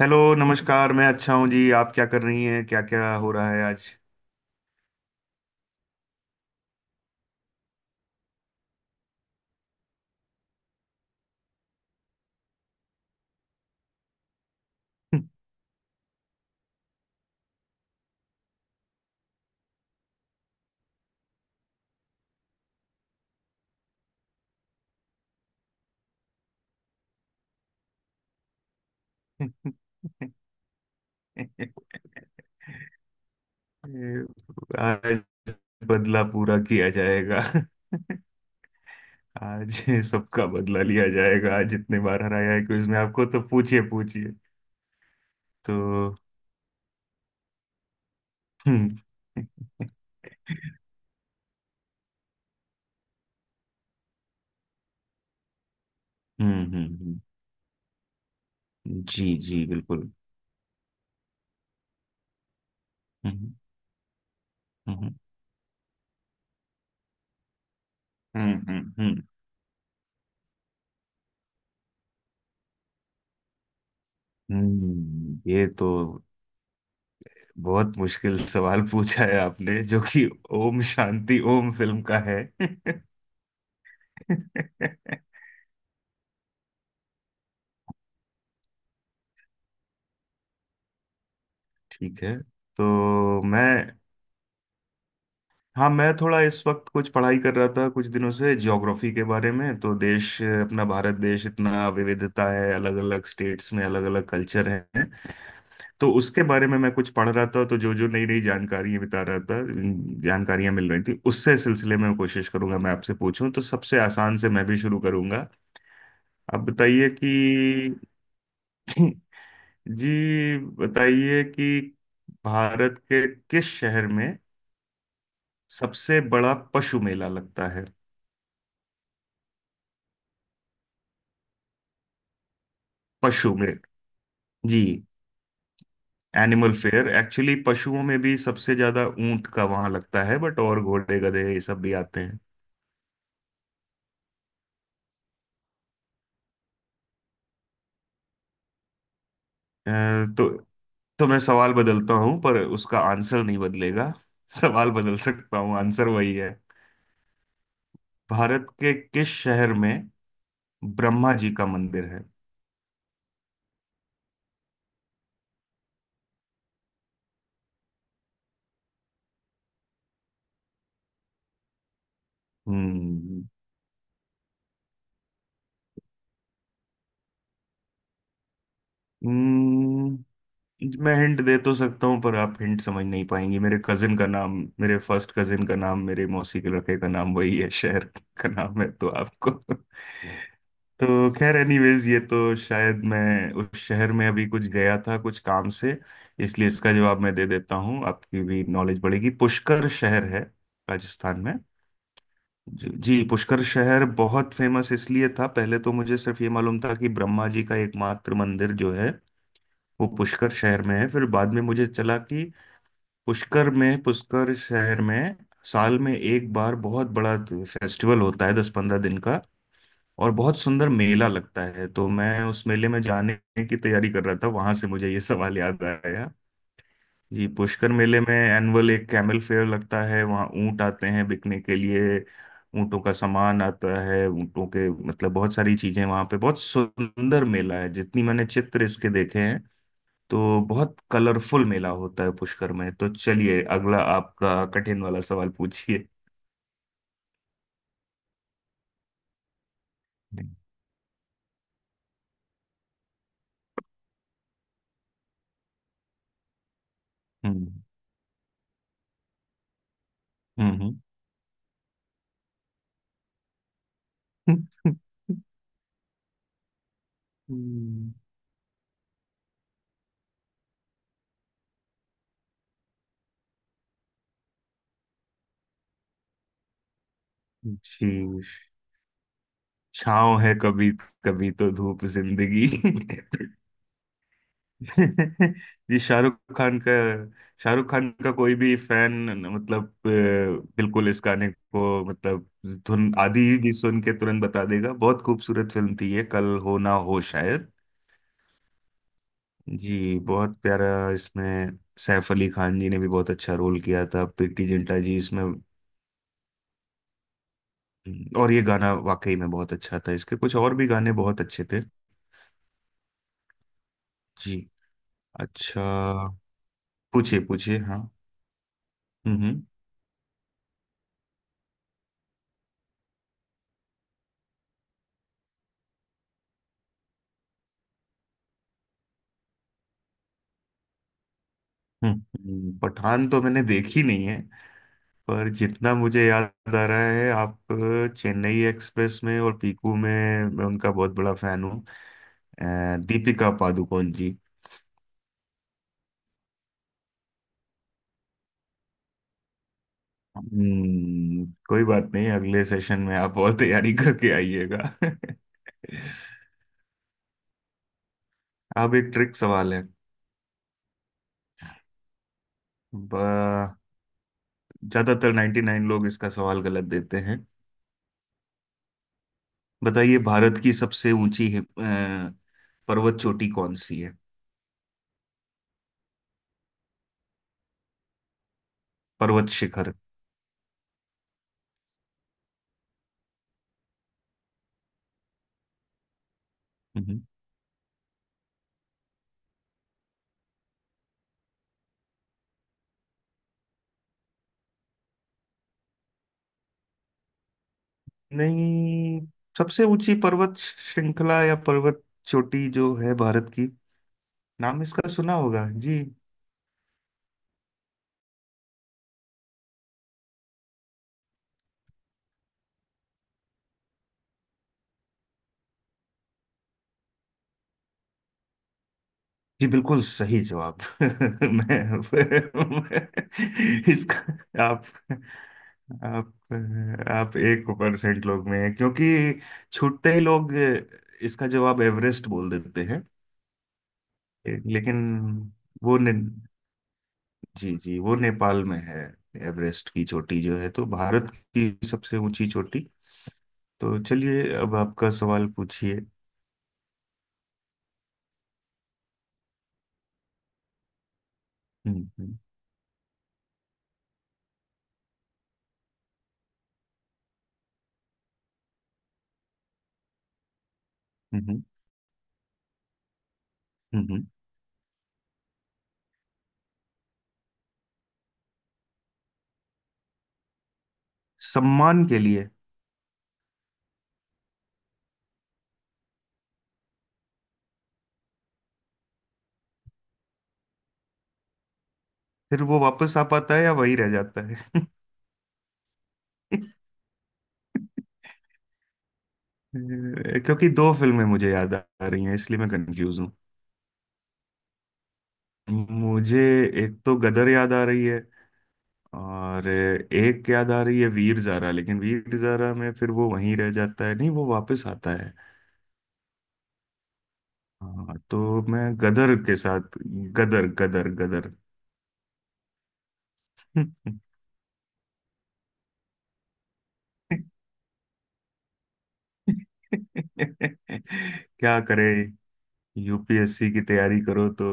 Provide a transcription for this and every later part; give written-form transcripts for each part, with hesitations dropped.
Hello नमस्कार, मैं अच्छा हूँ जी। आप क्या कर रही हैं? क्या क्या हो रहा है आज? आज बदला पूरा किया जाएगा। आज सबका बदला लिया जाएगा। आज जितने बार हराया है क्विज में आपको, तो पूछिए पूछिए। तो हम्म। हम्म। हम्म। हम्म। जी जी बिल्कुल। हम्म। हम्म। हम्म। हम्म। हम्म। हम्म। ये तो बहुत मुश्किल सवाल पूछा है आपने, जो कि ओम शांति ओम फिल्म का है। ठीक है। तो मैं, हाँ मैं थोड़ा इस वक्त कुछ पढ़ाई कर रहा था कुछ दिनों से ज्योग्राफी के बारे में। तो देश अपना भारत देश इतना विविधता है, अलग अलग स्टेट्स में अलग अलग कल्चर हैं। तो उसके बारे में मैं कुछ पढ़ रहा था, तो जो जो नई नई जानकारियां बिता रहा था, जानकारियां मिल रही थी उससे, सिलसिले में कोशिश करूंगा मैं आपसे पूछूं। तो सबसे आसान से मैं भी शुरू करूंगा। आप बताइए कि, जी बताइए कि भारत के किस शहर में सबसे बड़ा पशु मेला लगता है? पशु में, जी एनिमल फेयर। एक्चुअली पशुओं में भी सबसे ज्यादा ऊंट का वहां लगता है बट, और घोड़े गधे ये सब भी आते हैं। अ, तो तो मैं सवाल बदलता हूं पर उसका आंसर नहीं बदलेगा। सवाल बदल सकता हूँ, आंसर वही है। भारत के किस शहर में ब्रह्मा जी का मंदिर है? हम्म। हम्म। मैं हिंट दे तो सकता हूँ पर आप हिंट समझ नहीं पाएंगे। मेरे कजिन का नाम, मेरे फर्स्ट कजिन का नाम, मेरे मौसी के लड़के का नाम वही है, शहर का नाम है। तो आपको, तो खैर एनीवेज, ये तो शायद मैं उस शहर में अभी कुछ गया था कुछ काम से, इसलिए इसका जवाब मैं दे देता हूँ, आपकी भी नॉलेज बढ़ेगी। पुष्कर शहर है राजस्थान में। जी जी, पुष्कर शहर बहुत फेमस इसलिए था। पहले तो मुझे सिर्फ ये मालूम था कि ब्रह्मा जी का एकमात्र मंदिर जो है वो पुष्कर शहर में है। फिर बाद में मुझे चला कि पुष्कर में, पुष्कर शहर में साल में एक बार बहुत बड़ा फेस्टिवल होता है, 10-15 दिन का। और बहुत सुंदर मेला लगता है, तो मैं उस मेले में जाने की तैयारी कर रहा था, वहां से मुझे ये सवाल याद आया। जी पुष्कर मेले में एनुअल एक कैमल फेयर लगता है। वहाँ ऊंट आते हैं बिकने के लिए, ऊंटों का सामान आता है, ऊंटों के मतलब बहुत सारी चीजें वहां पे। बहुत सुंदर मेला है, जितनी मैंने चित्र इसके देखे, तो बहुत कलरफुल मेला होता है पुष्कर में। तो चलिए, अगला आपका कठिन वाला सवाल पूछिए। हम्म। हम्म। हम्म। हम्म। जी, छाँव है कभी, कभी तो धूप जिंदगी। ये शाहरुख खान का, शाहरुख खान का कोई भी फैन, मतलब बिल्कुल इस गाने को, मतलब धुन आदि भी सुन के तुरंत बता देगा। बहुत खूबसूरत फिल्म थी ये, कल हो ना हो शायद। जी बहुत प्यारा। इसमें सैफ अली खान जी ने भी बहुत अच्छा रोल किया था, प्रीति जिंटा जी इसमें, और ये गाना वाकई में बहुत अच्छा था, इसके कुछ और भी गाने बहुत अच्छे थे। जी। अच्छा, पूछिए पूछिए हाँ। हम्म। हम्म। पठान तो मैंने देखी नहीं है। पर जितना मुझे याद आ रहा है, आप चेन्नई एक्सप्रेस में और पीकू में, मैं उनका बहुत बड़ा फैन हूँ। अ, दीपिका पादुकोण जी। हम्म, कोई बात नहीं, अगले सेशन में आप और तैयारी करके आइएगा। अब एक ट्रिक सवाल है। ब- ज्यादातर 99 लोग इसका सवाल गलत देते हैं। बताइए, भारत की सबसे ऊंची पर्वत चोटी कौन सी है? पर्वत शिखर। हम्म। नहीं, सबसे ऊंची पर्वत श्रृंखला या पर्वत चोटी जो है भारत की, नाम इसका सुना होगा जी। जी बिल्कुल सही जवाब। मैं इसका, आप आप 1 परसेंट लोग में हैं, क्योंकि छुट्टे ही लोग इसका जवाब एवरेस्ट बोल देते हैं। लेकिन वो ने, जी जी, वो नेपाल में है, एवरेस्ट की चोटी जो है। तो भारत की सबसे ऊंची चोटी। तो चलिए अब आपका सवाल पूछिए। हम्म। हम्म। हम्म। हम्म। हम्म। सम्मान के लिए? फिर वो वापस आ पाता है या वही रह जाता है? क्योंकि दो फिल्में मुझे याद आ रही हैं, इसलिए मैं कंफ्यूज हूँ। मुझे एक तो गदर याद आ रही है, और एक याद आ रही है वीर ज़ारा। लेकिन वीर ज़ारा में फिर वो वहीं रह जाता है, नहीं वो वापस आता है। हाँ तो मैं गदर के साथ, गदर गदर गदर। क्या करे, यूपीएससी की तैयारी करो तो।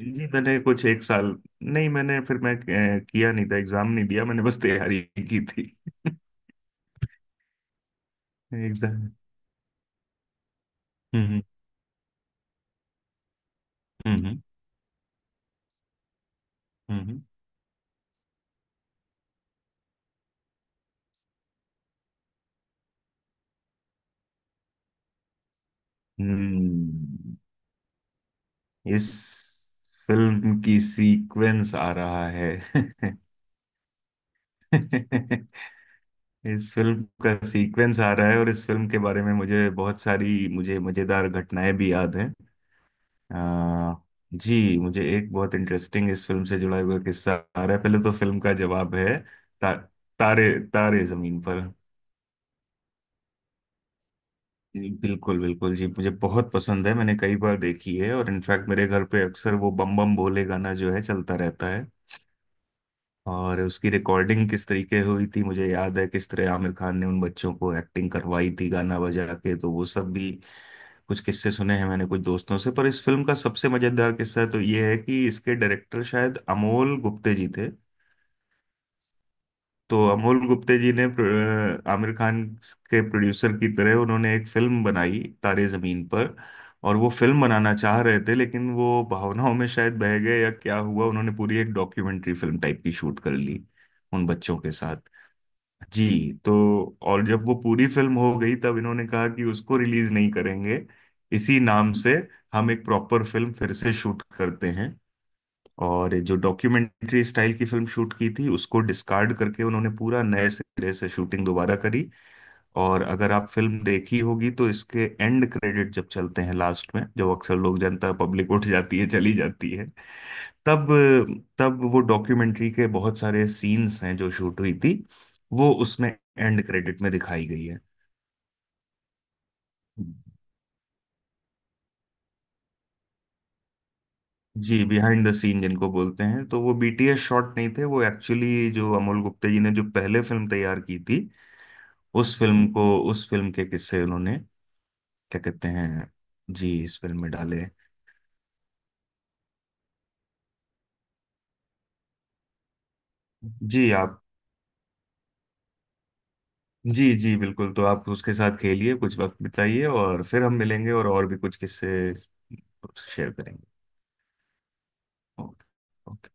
जी मैंने कुछ एक साल, नहीं मैंने, फिर मैं किया नहीं था, एग्जाम नहीं दिया मैंने, बस तैयारी की थी। एग्जाम। हम्म। हम्म। हम्म। हम्म। इस फिल्म की सीक्वेंस आ रहा है। इस फिल्म का सीक्वेंस आ रहा है, और इस फिल्म के बारे में मुझे बहुत सारी, मुझे मजेदार घटनाएं भी याद हैं। आ, जी मुझे एक बहुत इंटरेस्टिंग इस फिल्म से जुड़ा हुआ किस्सा आ रहा है। पहले तो फिल्म का जवाब है, ता, तारे तारे जमीन पर। जी, बिल्कुल बिल्कुल जी, मुझे बहुत पसंद है, मैंने कई बार देखी है। और इनफैक्ट मेरे घर पे अक्सर वो बम बम भोले गाना जो है चलता रहता है। और उसकी रिकॉर्डिंग किस तरीके हुई थी मुझे याद है, किस तरह आमिर खान ने उन बच्चों को एक्टिंग करवाई थी गाना बजा के, तो वो सब भी कुछ किस्से सुने हैं मैंने कुछ दोस्तों से। पर इस फिल्म का सबसे मजेदार किस्सा तो ये है कि इसके डायरेक्टर शायद अमोल गुप्ते जी थे। तो अमोल गुप्ते जी ने आमिर खान के प्रोड्यूसर की तरह, उन्होंने एक फिल्म बनाई तारे जमीन पर। और वो फिल्म बनाना चाह रहे थे, लेकिन वो भावनाओं में शायद बह गए या क्या हुआ, उन्होंने पूरी एक डॉक्यूमेंट्री फिल्म टाइप की शूट कर ली उन बच्चों के साथ। जी तो, और जब वो पूरी फिल्म हो गई, तब इन्होंने कहा कि उसको रिलीज नहीं करेंगे इसी नाम से, हम एक प्रॉपर फिल्म फिर से शूट करते हैं। और जो डॉक्यूमेंट्री स्टाइल की फिल्म शूट की थी, उसको डिस्कार्ड करके उन्होंने पूरा नए सिरे से शूटिंग दोबारा करी। और अगर आप फिल्म देखी होगी, तो इसके एंड क्रेडिट जब चलते हैं लास्ट में, जो अक्सर लोग जनता पब्लिक उठ जाती है, चली जाती है, तब, तब वो डॉक्यूमेंट्री के बहुत सारे सीन्स हैं जो शूट हुई थी, वो उसमें एंड क्रेडिट में दिखाई गई है। जी बिहाइंड द सीन जिनको बोलते हैं, तो वो बीटीएस शॉट नहीं थे, वो एक्चुअली जो अमोल गुप्ते जी ने जो पहले फिल्म तैयार की थी, उस फिल्म को, उस फिल्म के किस्से उन्होंने, क्या कहते हैं, जी इस फिल्म में डाले। जी आप, जी जी बिल्कुल, तो आप उसके साथ खेलिए, कुछ वक्त बिताइए, और फिर हम मिलेंगे और भी कुछ किस्से शेयर करेंगे। Okay okay.